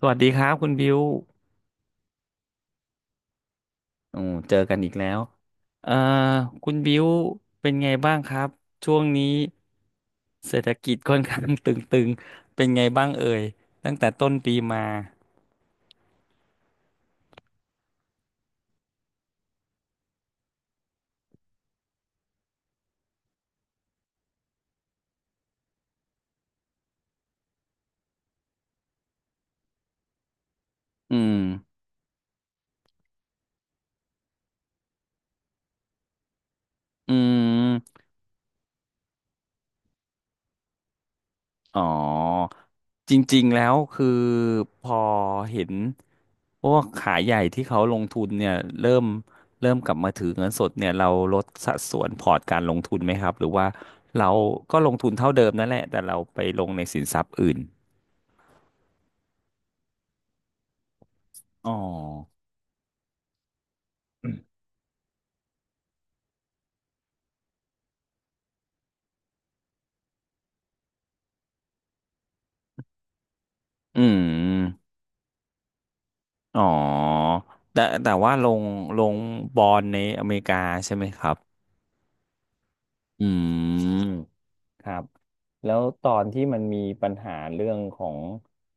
สวัสดีครับคุณบิวโอ้เจอกันอีกแล้วเอ่อคุณบิวเป็นไงบ้างครับช่วงนี้เศรษฐกิจค่อนข้าง ตึงๆเป็นไงบ้างเอ่ยตั้งแต่ต้นปีมาอืมอืม อ๋อจริงๆแล้วคือพอเห็นพวกขายใหญ่ที่เขาลงทุนเนี่ยเริ่มเริ่มกลับมาถือเงินสดเนี่ยเราลดสัดส่วนพอร์ตการลงทุนไหมครับหรือว่าเราก็ลงทุนเท่าเดิมนั่นแหละแต่เราไปลงในสินทรัพย์อื่นอ๋ออืมอ๋อแต่ว่าลงบอลในอเมริกาใช่ไหมครับอืม ครับแล้วตอนที่มันมีปัญหาเรื่องของ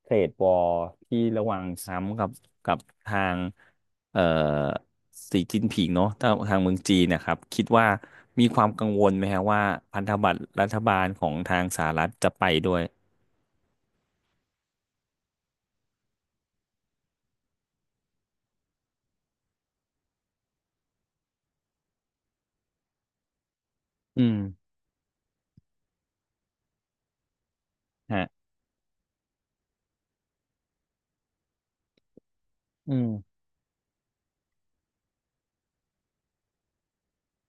เทรดวอร์ที่ระหว่างซ้ำกับทางเอ่อสีจิ้นผิงเนาะทางเมืองจีนนะครับคิดว่ามีความกังวลไหมฮะว่าพันธบัตรรัฐบาลของทางสหรัฐจะไปด้วยอืมฮะอืม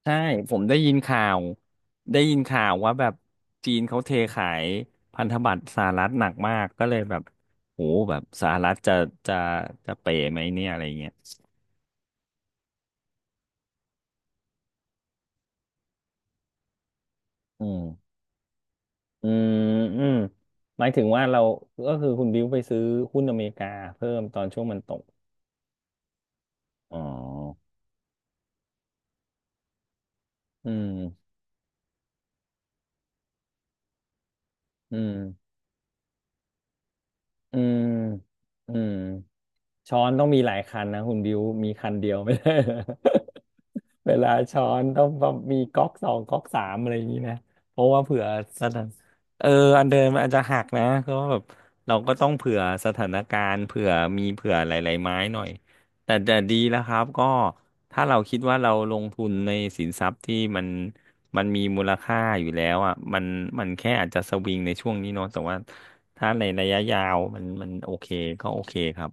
ใช่ผมได้ยินข่าวได้ยินข่าวว่าแบบจีนเขาเทขายพันธบัตรสหรัฐหนักมากก็เลยแบบโหแบบสหรัฐจะจะเป๋ไหมเนี่ยอะไรเงี้ยอืมอืมอืมหมายถึงว่าเราก็คือคุณบิวไปซื้อหุ้นอเมริกาเพิ่มตอนช่วงมันตกอ๋ออืมอืมอืมอืม ช้อนต้องมีหลายคันนะคุณบิวมีคันเดียวไม่ได้ เวลาช้อนต้องมีก๊อกสองก๊อกสามอะไรอย่างนี้นะเพราะว่าเผื่อสถานเอออันเดิมมันอาจจะหักนะก็แบบเราก็ต้องเผื่อสถานการณ์เผื่อมีเผื่อหลายๆไม้หน่อยแต่ดีแล้วครับก็ถ้าเราคิดว่าเราลงทุนในสินทรัพย์ที่มันมีมูลค่าอยู่แล้วอ่ะมันแค่อาจจะสวิงในช่วงนี้เนาะแต่ว่าถ้าในระยะยาวมันโอเคก็โอเคครับ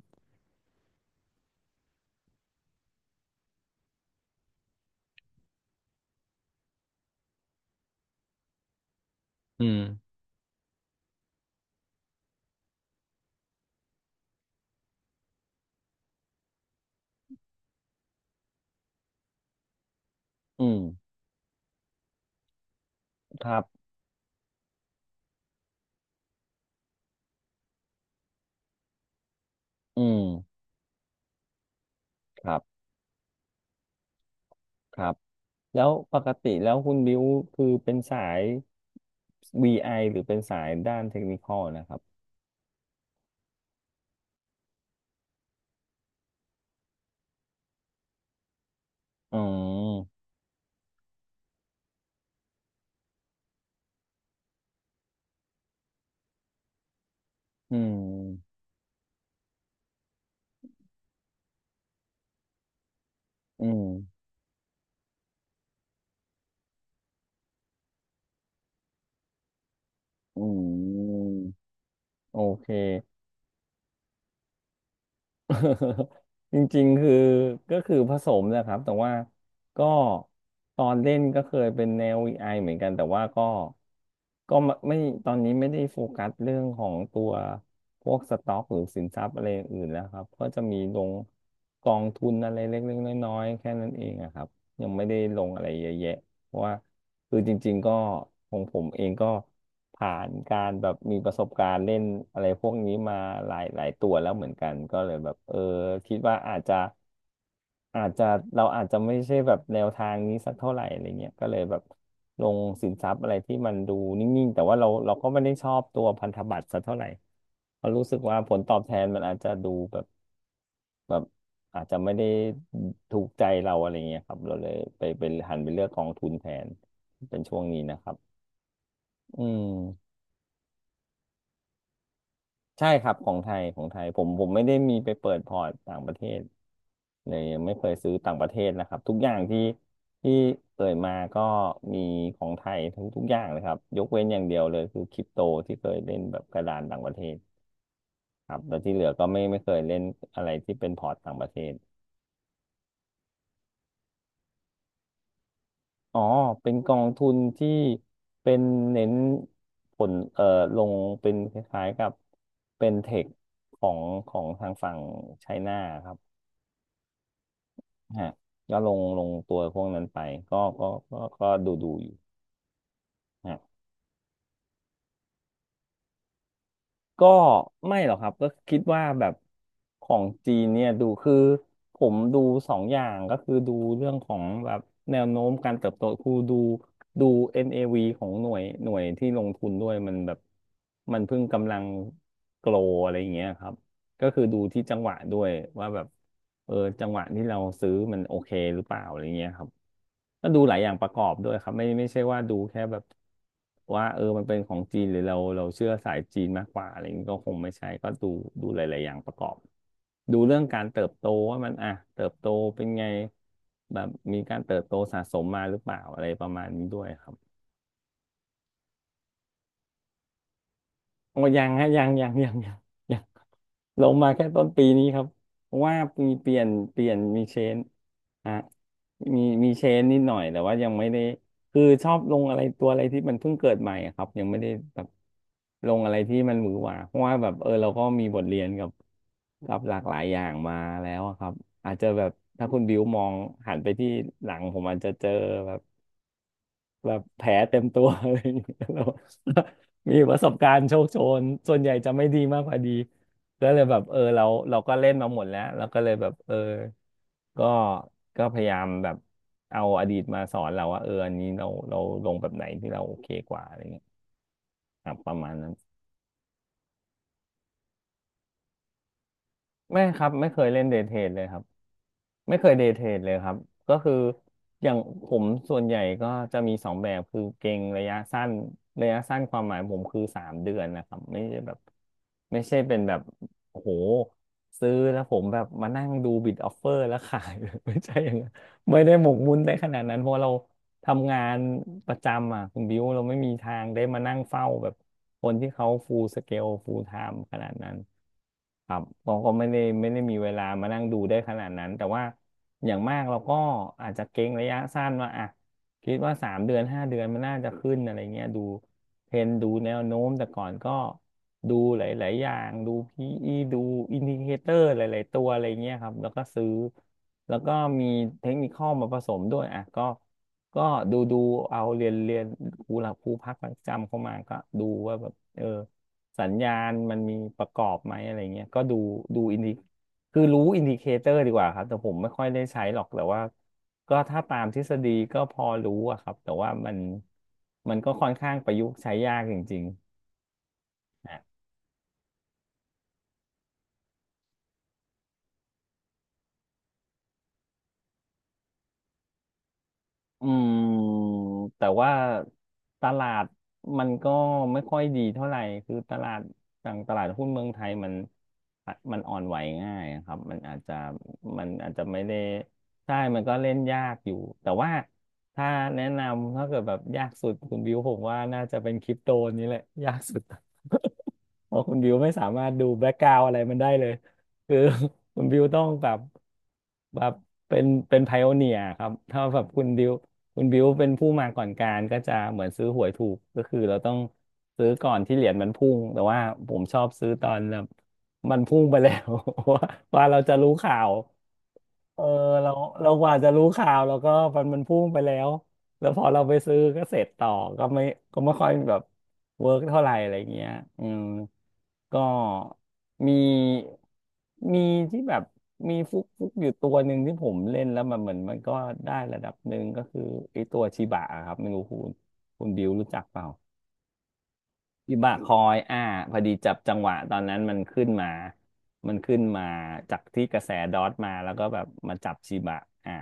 อืม อืม ครับ อืม ครับ ครับ แล้วปกติแล้วคุณบิวคือเป็นสาย VI หรือเป็นสายด้านเทคนิคอลนะครับอืมอืม อืม อืม โอเค จริงๆคือก็คือผสมนะครับแต่ว่าก็ตอนเล่นก็เคยเป็นแนววีไอเหมือนกันแต่ว่าก็ก็ไม่ตอนนี้ไม่ได้โฟกัสเรื่องของตัวพวกสต็อกหรือสินทรัพย์อะไรออื่นแล้วครับก็จะมีลงกองทุนอะไรเล็กๆน้อยๆแค่นั้นเองอะครับยังไม่ได้ลงอะไรเยอะแยะ เพราะว่าคือจริงๆก็ของผมเองก็ผ่านการแบบมีประสบการณ์เล่นอะไรพวกนี้มาหลายตัวแล้วเหมือนกันก็เลยแบบเออคิดว่าอาจจะเราอาจจะไม่ใช่แบบแนวทางนี้สักเท่าไหร่อะไรเงี้ยก็เลยแบบลงสินทรัพย์อะไรที่มันดูนิ่งๆแต่ว่าเราก็ไม่ได้ชอบตัวพันธบัตรสักเท่าไหร่เพราะรู้สึกว่าผลตอบแทนมันอาจจะดูแบบ แบบอาจจะไม่ได้ถูกใจเราอะไรเงี้ยครับเราเลยไปหันไปเลือกกองทุนแทนเป็นช่วงนี้นะครับอืมใช่ครับของไทยของไทยผมไม่ได้มีไปเปิดพอร์ตต่างประเทศเลยยังไม่เคยซื้อต่างประเทศนะครับทุกอย่างที่ที่เอ่ยมาก็มีของไทยทุกอย่างเลยครับยกเว้นอย่างเดียวเลยคือคริปโตที่เคยเล่นแบบกระดานต่างประเทศครับแล้วที่เหลือก็ไม่เคยเล่นอะไรที่เป็นพอร์ตต่างประเทศ อ๋อ เป็นกองทุนที่เป็นเน้นผลลงเป็นคล้ายๆกับเป็นเทคของของทางฝั่งไชน่าครับฮะก็ลงตัวพวกนั้นไปก็ก็ก็ก็ดูอยู่ฮะ ก็ไม่หรอกครับก็คิดว่าแบบของจีนเนี่ยดูคือผมดูสองอย่างก็คือดูเรื่องของแบบแนวโน้มการเติบโตคือดู NAV ของหน่วยที่ลงทุนด้วยมันแบบมันเพิ่งกำลังโกลอะไรอย่างเงี้ยครับ ก็คือดูที่จังหวะด้วยว่าแบบเออจังหวะที่เราซื้อมันโอเคหรือเปล่าอะไรเงี้ยครับก็ดูหลายอย่างประกอบด้วยครับไม่ใช่ว่าดูแค่แบบว่าเออมันเป็นของจีนหรือเราเชื่อสายจีนมากกว่าอะไรเงี้ยก็คงไม่ใช่ก็ดูหลายๆอย่างประกอบดูเรื่องการเติบโตว่ามันอ่ะเติบโตเป็นไงแบบมีการเติบโตสะสมมาหรือเปล่าอะไรประมาณนี้ด้วยครับ โอ้ยังฮะยังยังยังยังยังลงมาแค่ต้นปีนี้ครับเพราะว่ามีเปลี่ยนมีเชนฮะมีเชนนิดหน่อยแต่ว่ายังไม่ได้คือชอบลงอะไรตัวอะไรที่มันเพิ่งเกิดใหม่อะครับยังไม่ได้แบบลงอะไรที่มันหวือหวาเพราะว่าแบบเราก็มีบทเรียนกับหลากหลายอย่างมาแล้วอะครับอาจจะแบบถ้าคุณบิวมองหันไปที่หลังผมอาจจะเจอ แบบแผลเต็มตัว อะไรอย่างเงี้ยแล้วมีประสบการณ์โชคโชน ส่วนใหญ่จะไม่ดีมากพอดีก็เลยแบบเราก็เล่นมาหมดแล้วเราก็เลยแบบก็ก็พยายามแบบเอาอดีตมาสอนเราว่าอันนี้เราลงแบบไหนที่เราโอเคกว่าอะไรเงี้ยครับประมาณนั้นไม่ครับไม่เคยเล่นเดทเทรดเลยครับ ไม่เคยเดย์เทรดเลยครับ ก็คืออย่างผมส่วนใหญ่ก็จะมีสองแบบคือเก็งระยะสั้นระยะสั้นความหมายผมคือสามเดือนนะครับไม่ใช่แบบไม่ใช่เป็นแบบโอ้โหซื้อแล้วผมแบบมานั่งดูบิดออฟเฟอร์แล้วขาย ไม่ใช่อย่างนั้นไม่ได้หมกมุ่นได้ขนาดนั้นเพราะเรา ทำงานประจำอ่ะคุณบิวเราไม่มีทางได้มานั่งเฝ้าแบบคนที่เขาฟูลสเกลฟูลไทม์ขนาดนั้นครับเราก็ไม่ได้มีเวลามานั่งดูได้ขนาดนั้นแต่ว่าอย่างมากเราก็อาจจะเก็งระยะสั้นว่าอ่ะคิดว่าสามเดือน5 เดือนมันน่าจะขึ้นอะไรเงี้ยดูเทรนดูแนวโน้มแต่ก่อนก็ดูหลายๆอย่างดู PE ดูอินดิเคเตอร์หลายๆตัวอะไรเงี้ยครับแล้วก็ซื้อแล้วก็มีเทคนิคอลมาผสมด้วยอ่ะก็ดูเอาเรียนครูหลักครูพักประจำเข้ามาก็ดูว่าแบบสัญญาณมันมีประกอบไหมอะไรเงี้ยก็ดูดูอินดิคือรู้อินดิเคเตอร์ดีกว่าครับแต่ผมไม่ค่อยได้ใช้หรอกแต่ว่าก็ถ้าตามทฤษฎีก็พอรู้อะครับแต่ว่ามันก็ค่อนข้างประยุกต์ใช้ยากจริงๆ อืมแต่ว่าตลาดมันก็ไม่ค่อยดีเท่าไหร่คือตลาดต่างตลาดหุ้นเมืองไทยมันอ่อนไหวง่ายครับมันอาจจะไม่ได้ใช่มันก็เล่นยากอยู่แต่ว่าถ้าแนะนำถ้าเกิดแบบยากสุดคุณบิวผมว่าน่าจะเป็นคริปโตนี้แหละยากสุด เพราะคุณบิวไม่สามารถดูแบ็กกราวอะไรมันได้เลยคือ คุณบิวต้องแบบเป็นไพโอเนียครับถ้าแบบคุณบิวเป็นผู้มาก่อนการก็จะเหมือนซื้อหวยถูกก็คือเราต้องซื้อก่อนที่เหรียญมันพุ่งแต่ว่าผมชอบซื้อตอนแบบมันพุ่งไปแล้ว ว่าว่าเราจะรู้ข่าว เออเราเรากว่าจะรู้ข่าวแล้วก็มันพุ่งไปแล้วแล้วพอเราไปซื้อก็เสร็จต่อก็ไม่ก็ไม่ค่อยแบบเวิร์กเท่าไหร่อะไรเงี้ยอืมก็มีมีที่แบบมีฟุกฟุกอยู่ตัวหนึ่งที่ผมเล่นแล้วมันเหมือนมันก็ได้ระดับหนึ่งก็คือไอ้ตัวชิบะอะครับไม่รู้คุณบิวรู้จักเปล่า วิบากคอยอ่าพอดีจับจังหวะตอนนั้นมันขึ้นมาจากที่กระแสดอทมาแล้วก็แบบมาจับชิบะอ่ะ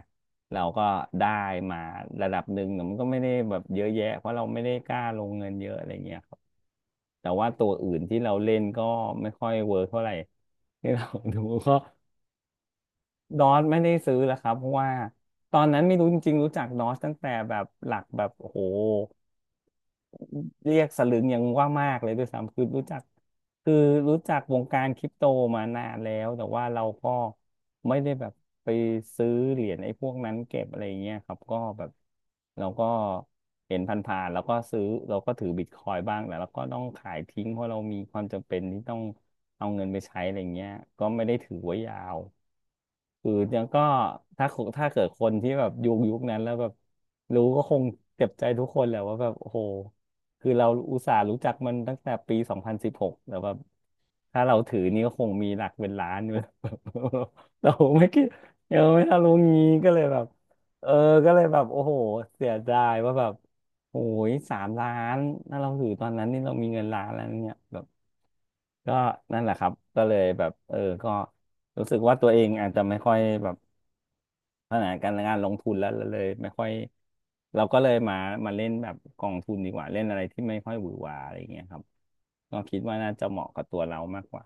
เราก็ได้มาระดับหนึ่งแต่มันก็ไม่ได้แบบเยอะแยะเพราะเราไม่ได้กล้าลงเงินเยอะอะไรเงี้ยครับแต่ว่าตัวอื่นที่เราเล่นก็ไม่ค่อยเวิร์กเท่าไหร่ที่เราดูก็ดอทไม่ได้ซื้อแล้วครับเพราะว่าตอนนั้นไม่รู้จริงๆรู้จักดอทตั้งแต่แบบหลักแบบโอ้โห เรียกสลึงยังว่ามากเลยด้วยซ้ำคือรู้จักวงการคริปโตมานานแล้วแต่ว่าเราก็ไม่ได้แบบไปซื้อเหรียญไอ้พวกนั้นเก็บอะไรเงี้ยครับก็แบบเราก็เห็นผ่านๆแล้วก็ซื้อเราก็ถือบิตคอยน์บ้างแต่เราก็ต้องขายทิ้งเพราะเรามีความจำเป็นที่ต้องเอาเงินไปใช้อะไรเงี้ยก็ไม่ได้ถือไว้ยาว คือยังก็ถ้าเกิดคนที่แบบยุคนั้นแล้วแบบรู้ก็คงเจ็บใจทุกคนแหละว่าแบบโอ้โหคือเราอุตส่าห์รู้จักมันตั้งแต่ปี2016แต่แบบถ้าเราถือนี่ก็คงมีหลักเป็นล้านอยู่ เราไม่คิดไม่ทันรู้งี้ก็เลยแบบเออก็เลยแบบโอ้โหเสียดายว่าแบบโอ้ย3 ล้านถ้าเราถือตอนนั้นนี่เรามีเงินล้านแล้วเนี่ยแบบก็นั่นแหละครับก็เลยแบบก็รู้สึกว่าตัวเองอาจจะไม่ค่อยแบบ ขนาดการงานลงทุนแล้วเราเลยไม่ค่อยเราก็เลยมาเล่นแบบกองทุนดีกว่าเล่นอะไรที่ไม่ค่อยหวือหวาอะไรอย่างเงี้ยครับก็คิดว่าน่าจะเหมาะกับตัวเรามากกว่า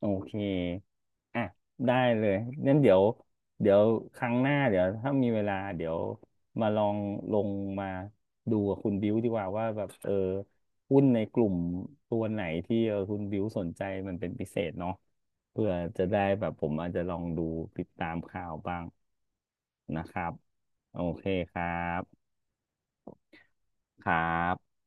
โอเค อ่ะ ได้เลยงั้นเดี๋ยวครั้งหน้าเดี๋ยวถ้ามีเวลาเดี๋ยวมาลองลงมาดูกับคุณบิวดีกว่าว่าแบบหุ้นในกลุ่มตัวไหนที่คุณบิวสนใจมันเป็นพิเศษเนาะเพื่อจะได้แบบผมอาจจะลองดูติดตามข่าวบ้างนะครับ โอเคครับ ครับ